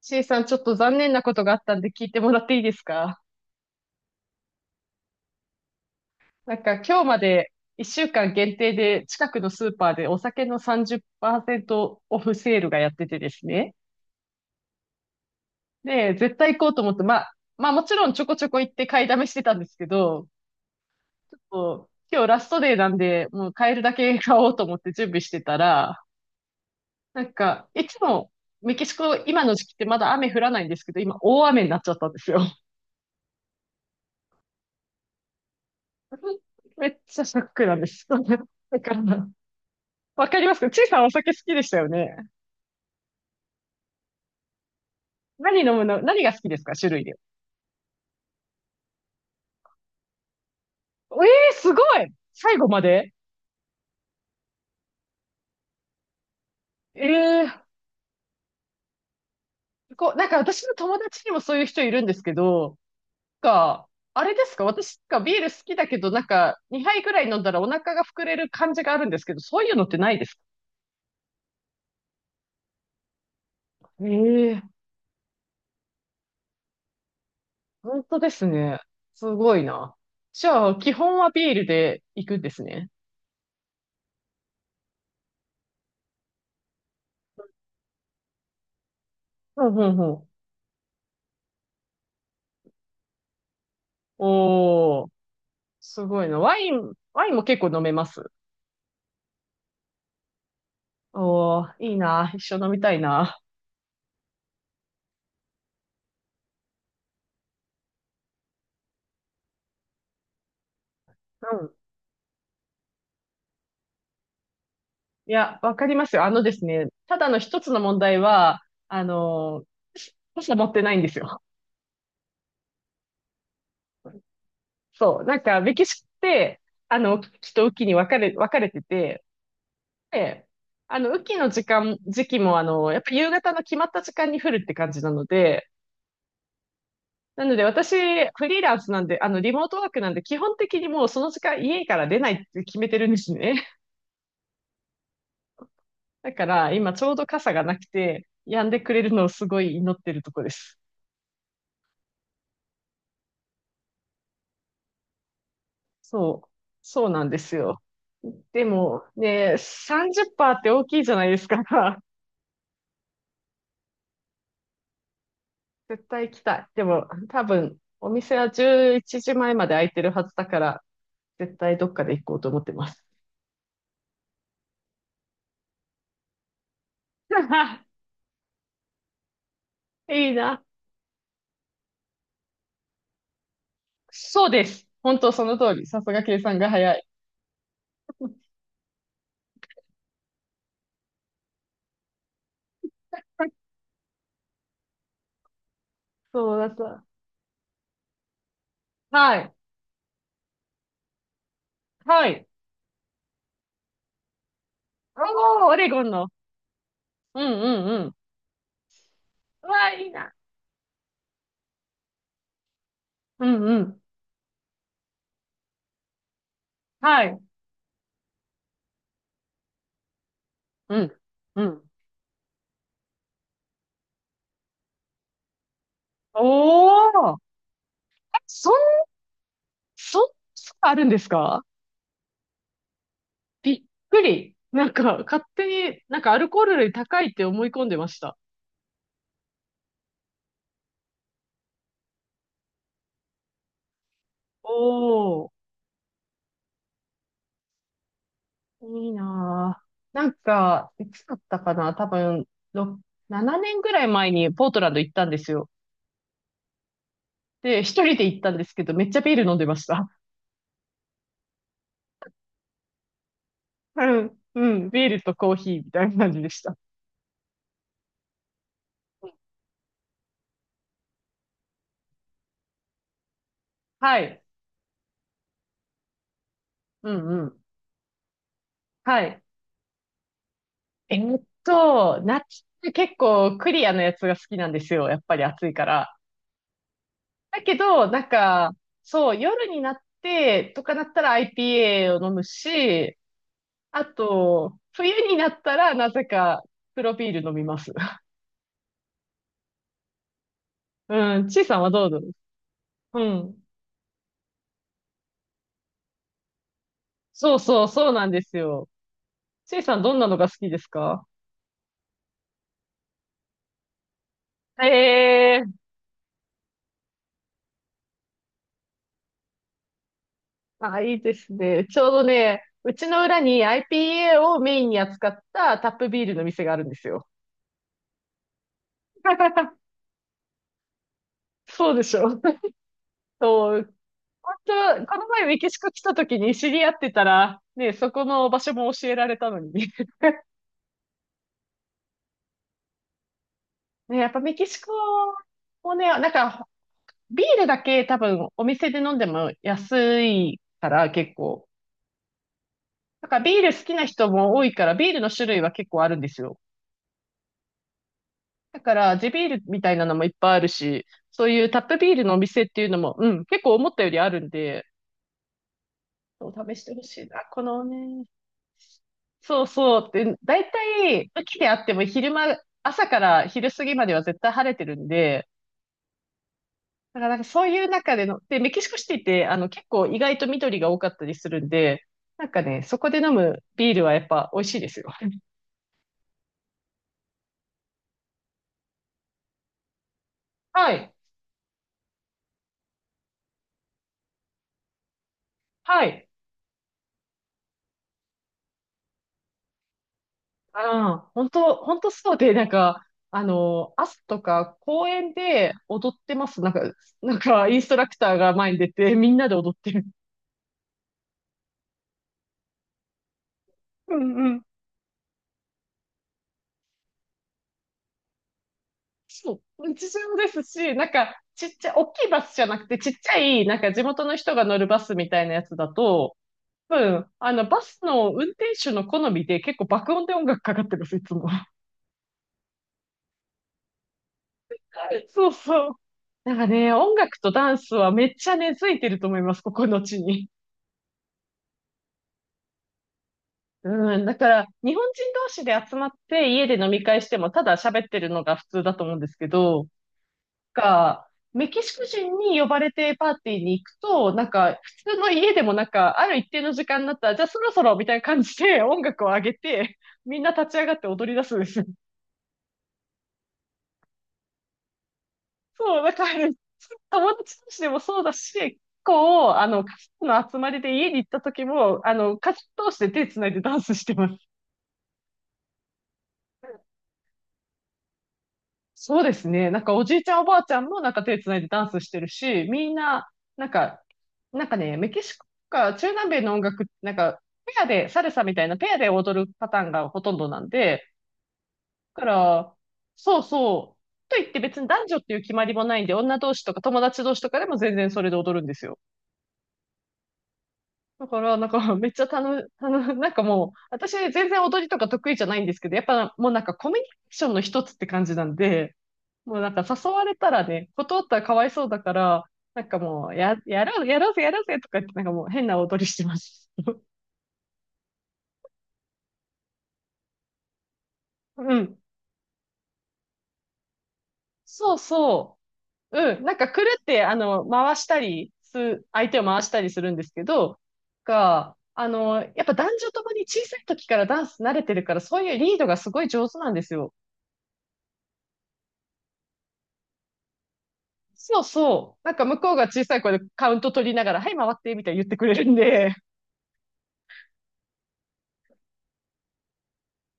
C さん、ちょっと残念なことがあったんで聞いてもらっていいですか？なんか今日まで1週間限定で近くのスーパーでお酒の30%オフセールがやっててですね。で、絶対行こうと思って、まあ、もちろんちょこちょこ行って買いだめしてたんですけど、ちょっと今日ラストデーなんで、もう買えるだけ買おうと思って準備してたら、なんかいつもメキシコ今の時期ってまだ雨降らないんですけど、今大雨になっちゃったんですよ。めっちゃショックなんです。だから、わかりますか？ちいさんお酒好きでしたよね。何飲むの？何が好きですか、種類で。えすごい最後まで。ええー、こう、なんか私の友達にもそういう人いるんですけど、なんか、あれですか、私がビール好きだけど、なんか、2杯ぐらい飲んだらお腹が膨れる感じがあるんですけど、そういうのってないですか？ええー、本当ですね。すごいな。じゃあ、基本はビールで行くんですね。うんうんうん。おー、すごいな。ワイン、ワインも結構飲めます？おー、いいな。一緒飲みたいな。うん。いや、わかりますよ。あのですね、ただの一つの問題は、あの、傘持ってないんですよ。そう。なんか、メキシコって、雨季と雨季に分かれ、分かれてて、で、雨季の時期も、やっぱ夕方の決まった時間に降るって感じなので、なので私、フリーランスなんで、リモートワークなんで、基本的にもうその時間家から出ないって決めてるんですね。だから、今ちょうど傘がなくて、止んでくれるのをすごい祈ってるとこです。そう。そうなんですよ。でも、ね、30%っパーセントって大きいじゃないですか。絶対行きたい。でも、多分、お店は11時前まで開いてるはずだから、絶対どっかで行こうと思ってます。いいな。そうです。本当その通り。さすが計算が早い。そうだった。はい。はい。おー、オレゴンの。うんうんうん。うわ、いいな。うんうん。はい。うん。うん。おー、えそん、そん、あるんですか？びっくり。なんか、勝手に、なんかアルコール類高いって思い込んでました。おー、いいなぁ。なんか、いつだったかな多分、ろ7年ぐらい前にポートランド行ったんですよ。で、一人で行ったんですけど、めっちゃビール飲んでました。うん、うん、ビールとコーヒーみたいな感じでした。はい。うん、うん。はい。夏って結構クリアなやつが好きなんですよ。やっぱり暑いから。だけど、なんか、そう、夜になってとかなったら IPA を飲むし、あと、冬になったらなぜか黒ビール飲みます。うん、ちいさんはどうぞ。うん。そうそう、そうなんですよ。ちいさんどんなのが好きですか？ええー、あ、いいですね。ちょうどね、うちの裏に IPA をメインに扱ったタップビールの店があるんですよ。そうでしょ。そう。本当は、この前メキシコ来た時に知り合ってたら、ね、そこの場所も教えられたのに。ね、やっぱメキシコもね、なんか、ビールだけ多分お店で飲んでも安いから結構。なんからビール好きな人も多いから、ビールの種類は結構あるんですよ。だから、地ビールみたいなのもいっぱいあるし、そういうタップビールのお店っていうのも、うん、結構思ったよりあるんで、そう、試してほしいな。このね、そうそうって、だいたい雨季であっても昼間、朝から昼過ぎまでは絶対晴れてるんで、だからなんかそういう中での、で、メキシコシティって、結構意外と緑が多かったりするんで、なんかね、そこで飲むビールはやっぱ美味しいですよ。はい。はい。ああ、本当本当そうで、なんか、朝とか公園で踊ってます。なんか、なんか、インストラクターが前に出て、みんなで踊ってる。うんうん。そう、日常ですし、なんか、ちっちゃい、大きいバスじゃなくて、ちっちゃい、なんか地元の人が乗るバスみたいなやつだと、多分、バスの運転手の好みで結構爆音で音楽かかってるんです、いつも。そうそう。なんかね、音楽とダンスはめっちゃ根付いてると思います、ここの地に。うん、だから、日本人同士で集まって家で飲み会しても、ただ喋ってるのが普通だと思うんですけど、メキシコ人に呼ばれてパーティーに行くと、なんか、普通の家でもなんか、ある一定の時間になったら、じゃあそろそろみたいな感じで音楽を上げて、みんな立ち上がって踊り出すんですよ。そう、だから、友達同士でもそうだし、結構、家族の集まりで家に行った時も、家族同士で手つないでダンスしてます。そうですね。なんかおじいちゃんおばあちゃんもなんか手つないでダンスしてるし、みんな、なんか、なんかね、メキシコか中南米の音楽、なんか、ペアで、サルサみたいなペアで踊るパターンがほとんどなんで、だから、そうそう。と言って別に男女っていう決まりもないんで、女同士とか友達同士とかでも全然それで踊るんですよ。だから、なんかめっちゃなんかもう、私全然踊りとか得意じゃないんですけど、やっぱもうなんかコミュニケーションの一つって感じなんで、もうなんか誘われたらね、断ったらかわいそうだから、なんかもう、やろう、やろうぜ、やろうぜとか言って、なんかもう変な踊りしてます。うん。そうそう。うん。なんか、くるって、回したりす、相手を回したりするんですけど、が、やっぱ男女ともに小さい時からダンス慣れてるから、そういうリードがすごい上手なんですよ。そうそう。なんか、向こうが小さい声でカウント取りながら、はい、回って、みたいに言ってくれるんで、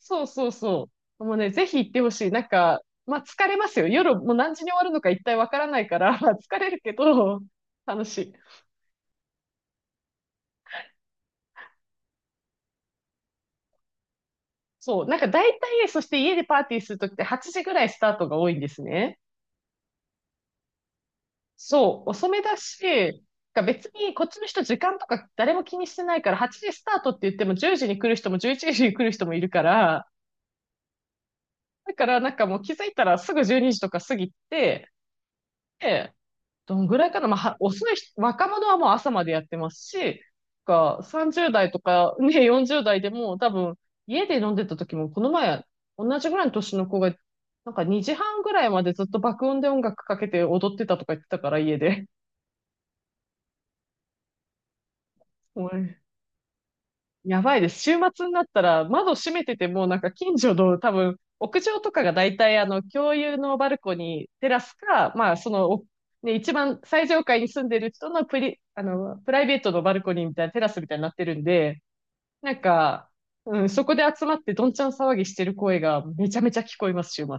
そうそうそう。もうね、ぜひ行ってほしい。なんか、まあ疲れますよ。夜もう何時に終わるのか一体わからないから、疲れるけど、楽しい。そう。なんか大体、そして家でパーティーするときって8時ぐらいスタートが多いんですね。そう。遅めだし、なんか別にこっちの人時間とか誰も気にしてないから、8時スタートって言っても10時に来る人も11時に来る人もいるから、だからなんかもう気づいたらすぐ12時とか過ぎて、で、どのぐらいかな、まあ、遅い人、若者はもう朝までやってますし、30代とか、ね、40代でも多分、家で飲んでた時も、この前、同じぐらいの年の子が、なんか2時半ぐらいまでずっと爆音で音楽かけて踊ってたとか言ってたから、家で。やばいです。週末になったら窓閉めてても、なんか近所の多分、屋上とかが大体共有のバルコニー、テラスか、まあその、ね、一番最上階に住んでる人のプライベートのバルコニーみたいなテラスみたいになってるんで、なんか、うん、そこで集まってどんちゃん騒ぎしてる声がめちゃめちゃ聞こえます、週末。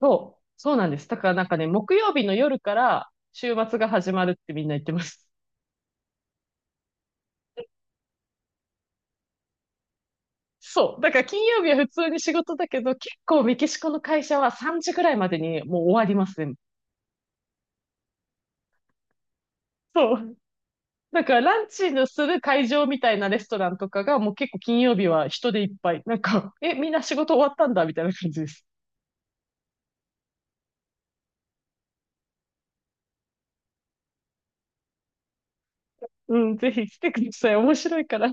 そう、そうなんです。だからなんかね、木曜日の夜から週末が始まるってみんな言ってます。そう。だから金曜日は普通に仕事だけど、結構メキシコの会社は3時ぐらいまでにもう終わりますね。そう。だからランチのする会場みたいなレストランとかがもう結構金曜日は人でいっぱい。なんか、え、みんな仕事終わったんだみたいな感じです。うん、ぜひ来てください。面白いから。